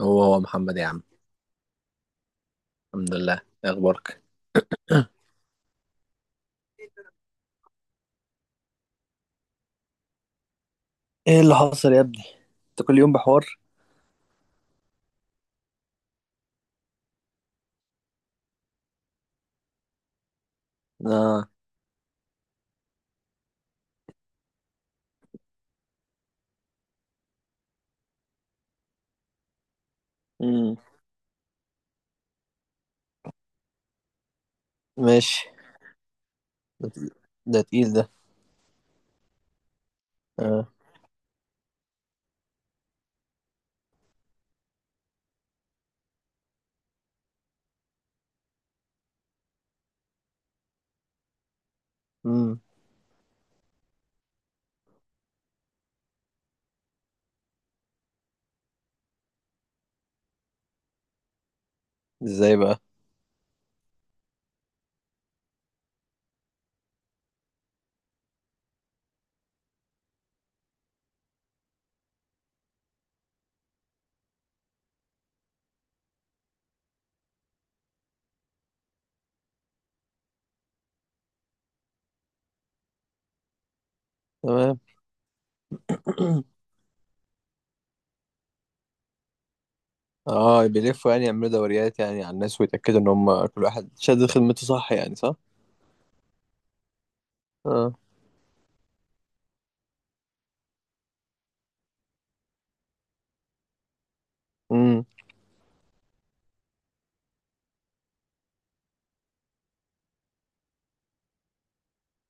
هو محمد يا عم. الحمد لله. إيه اخبارك؟ ايه اللي حصل يا ابني؟ انت كل يوم بحوار. اه. امم. ماشي. ده تقيل. ده تقيل. اه. امم. ازاي بقى؟ تمام. اه، بيلفوا يعني يعملوا دوريات يعني على الناس ويتأكدوا ان هم كل واحد شاد خدمته صح، يعني صح. اه. امم.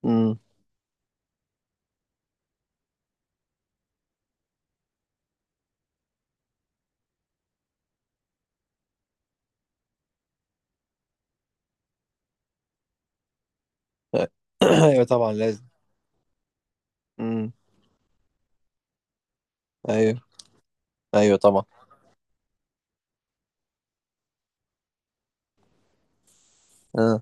امم. ايوه طبعا لازم. امم. ايوه ايوه طبعا. اه.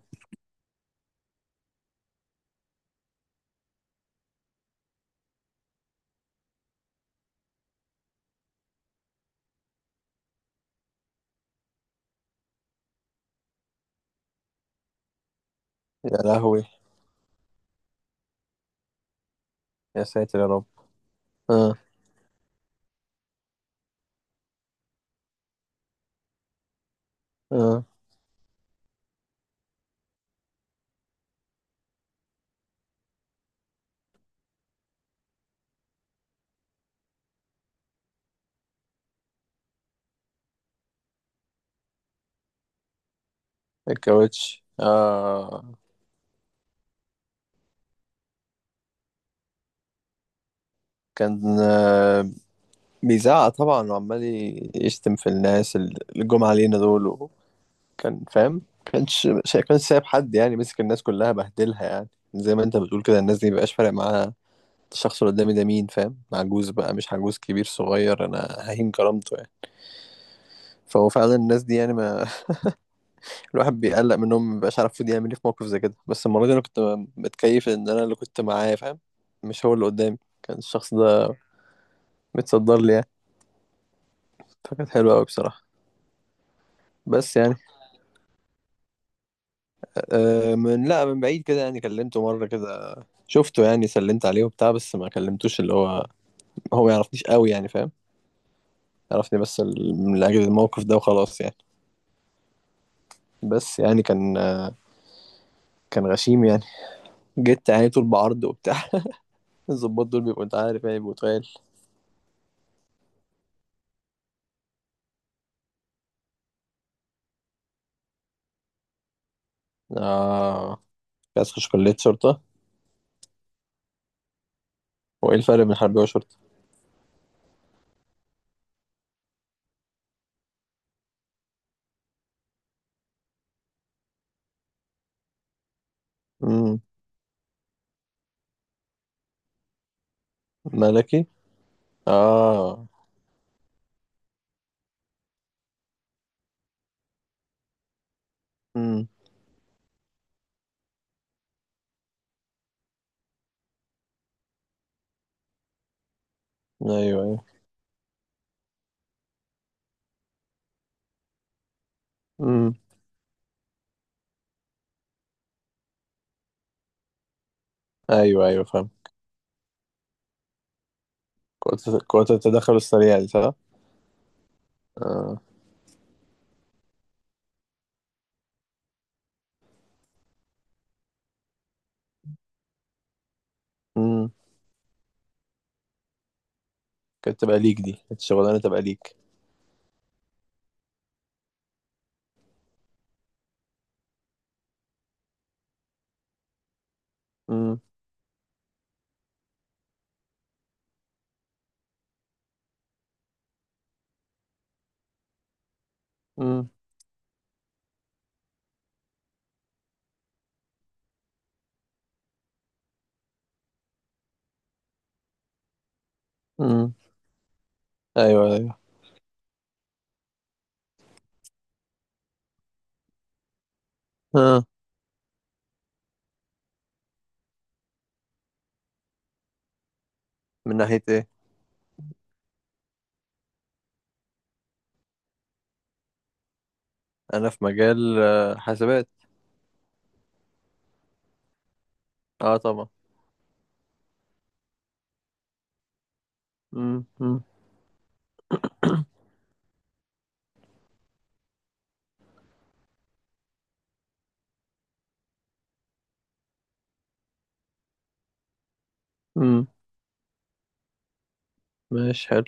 يا لهوي، يا ساتر يا رب. اه. اه. الكاوتش اه. كان بيزعق طبعا وعمال يشتم في الناس اللي جم علينا دول، وكان فاهم، كانش سايب حد يعني، مسك الناس كلها بهدلها يعني. زي ما انت بتقول كده، الناس دي مبقاش فارق معاها الشخص اللي قدامي ده مين، فاهم؟ عجوز بقى مش عجوز، كبير صغير، انا ههين كرامته يعني. فهو فعلا الناس دي يعني ما... الواحد بيقلق منهم، مبقاش عارف المفروض يعمل ايه في موقف زي كده. بس المرة دي انا كنت متكيف ان انا اللي كنت معاه، فاهم؟ مش هو اللي قدامي، كان الشخص ده متصدر لي يعني. فكانت حلوة قوي بصراحة. بس يعني من لا من بعيد كده يعني، كلمته مرة كده، شفته يعني، سلمت عليه وبتاع، بس ما كلمتوش اللي هو. هو ما يعرفنيش قوي يعني، فاهم؟ يعرفني بس من أجل الموقف ده وخلاص يعني. بس يعني كان كان غشيم يعني، جيت يعني طول بعرض وبتاع. الظباط دول بيبقوا، انت عارف يعني، بيبقوا تقال. اه. عايز تخش كلية شرطة؟ وايه الفرق بين حربية وشرطة؟ امم. ملكي. اه. امم. ايوه ايوه. امم. ايوه ايوه فاهم. قوة التدخل السريع دي صح؟ اه. كانت تبقى ليك دي، كانت الشغلانة تبقى ليك. امم. امم. امم. ايوه ايوه. ها. من ناحية ايه؟ انا في مجال حاسبات. اه طبعا. امم. امم. امم. ماشي حلو.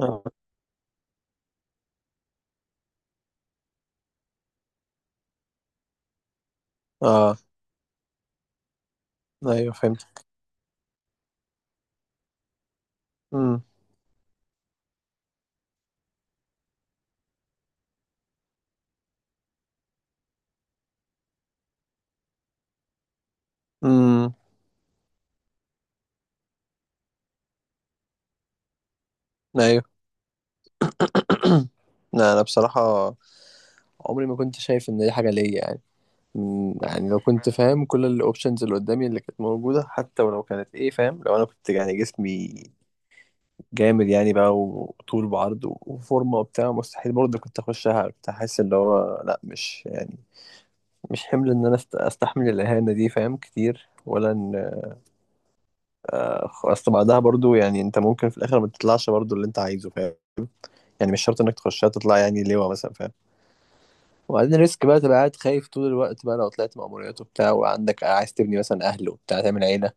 اه. اه. ايوه فهمت. امم. امم. ايوه. لا انا بصراحة عمري ما كنت شايف ان دي حاجة ليا يعني. يعني لو كنت فاهم كل الاوبشنز اللي قدامي اللي كانت موجودة، حتى ولو كانت ايه، فاهم؟ لو انا كنت يعني جسمي جامد يعني بقى، وطول وعرض وفورمه وبتاع، مستحيل برضه كنت اخشها. كنت احس اللي هو لا، مش يعني مش حمل ان انا استحمل الاهانه دي، فاهم؟ كتير. ولا ان اصل بعدها برضه يعني انت ممكن في الاخر ما تطلعش برضه اللي انت عايزه، فاهم؟ يعني مش شرط انك تخشها تطلع يعني لواء مثلا، فاهم؟ وبعدين ريسك بقى، تبقى قاعد خايف طول الوقت بقى، لو طلعت مأموريات وبتاع، وعندك عايز تبني مثلا اهل وبتاع تعمل عيله.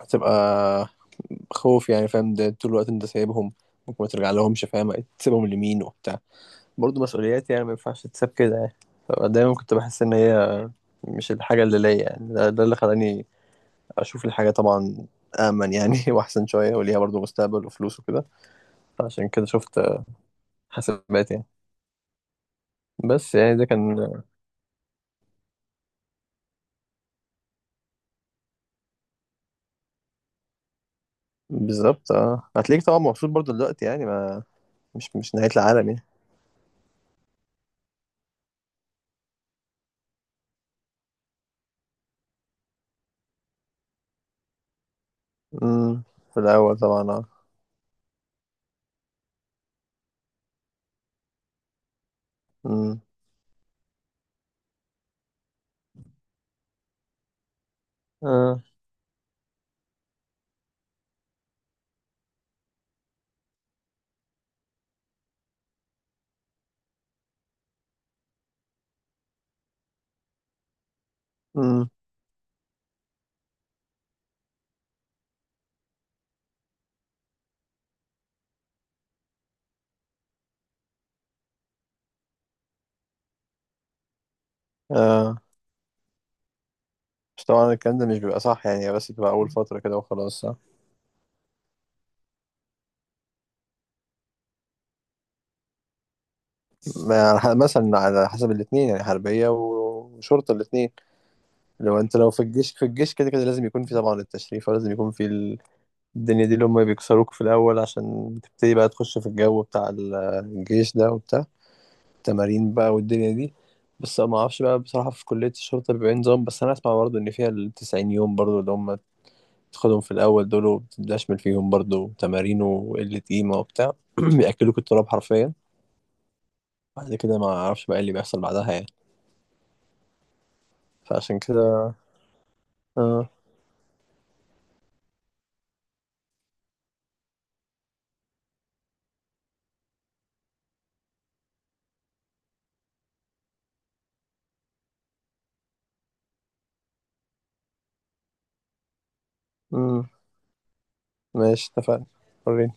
هتبقى خوف يعني، فاهم؟ ده طول الوقت انت سايبهم، ممكن ما ترجع لهمش، فاهم؟ تسيبهم لمين وبتاع، برضه مسؤوليات يعني، ما ينفعش تتساب كده يعني. فدايما كنت بحس ان هي مش الحاجه اللي ليا يعني. ده اللي خلاني اشوف الحاجه طبعا امن يعني، واحسن شويه وليها برضه مستقبل وفلوس وكده. عشان كده شفت حسابات يعني. بس يعني ده كان... بالظبط اه. هتلاقيك طبعا مبسوط برضه دلوقتي يعني، ما مش مش نهايه العالم يعني. امم. في الاول طبعا اه. امم. اه. امم. اه. بس طبعا الكلام ده مش بيبقى صح يعني، بس بتبقى اول فتره كده وخلاص صح. يعني مثلا على حسب الاثنين يعني، حربية وشرطة الاثنين، لو انت لو في الجيش، في الجيش كده كده لازم يكون في طبعا التشريف، ولازم يكون في الدنيا دي اللي هم بيكسروك في الأول، عشان بتبتدي بقى تخش في الجو بتاع الجيش ده وبتاع، التمارين بقى والدنيا دي. بس ما اعرفش بقى بصراحة في كلية الشرطة بيبقى إيه نظام، بس انا اسمع برضه ان فيها الـ90 يوم برضه اللي هم تاخدهم في الأول دول، وبتدشمل فيهم برضه تمارين وقلة قيمة وبتاع. بيأكلوك التراب حرفيا. بعد كده ما اعرفش بقى إيه اللي بيحصل بعدها يعني. فعشان كده اه. امم. ماشي اتفقنا. وريني.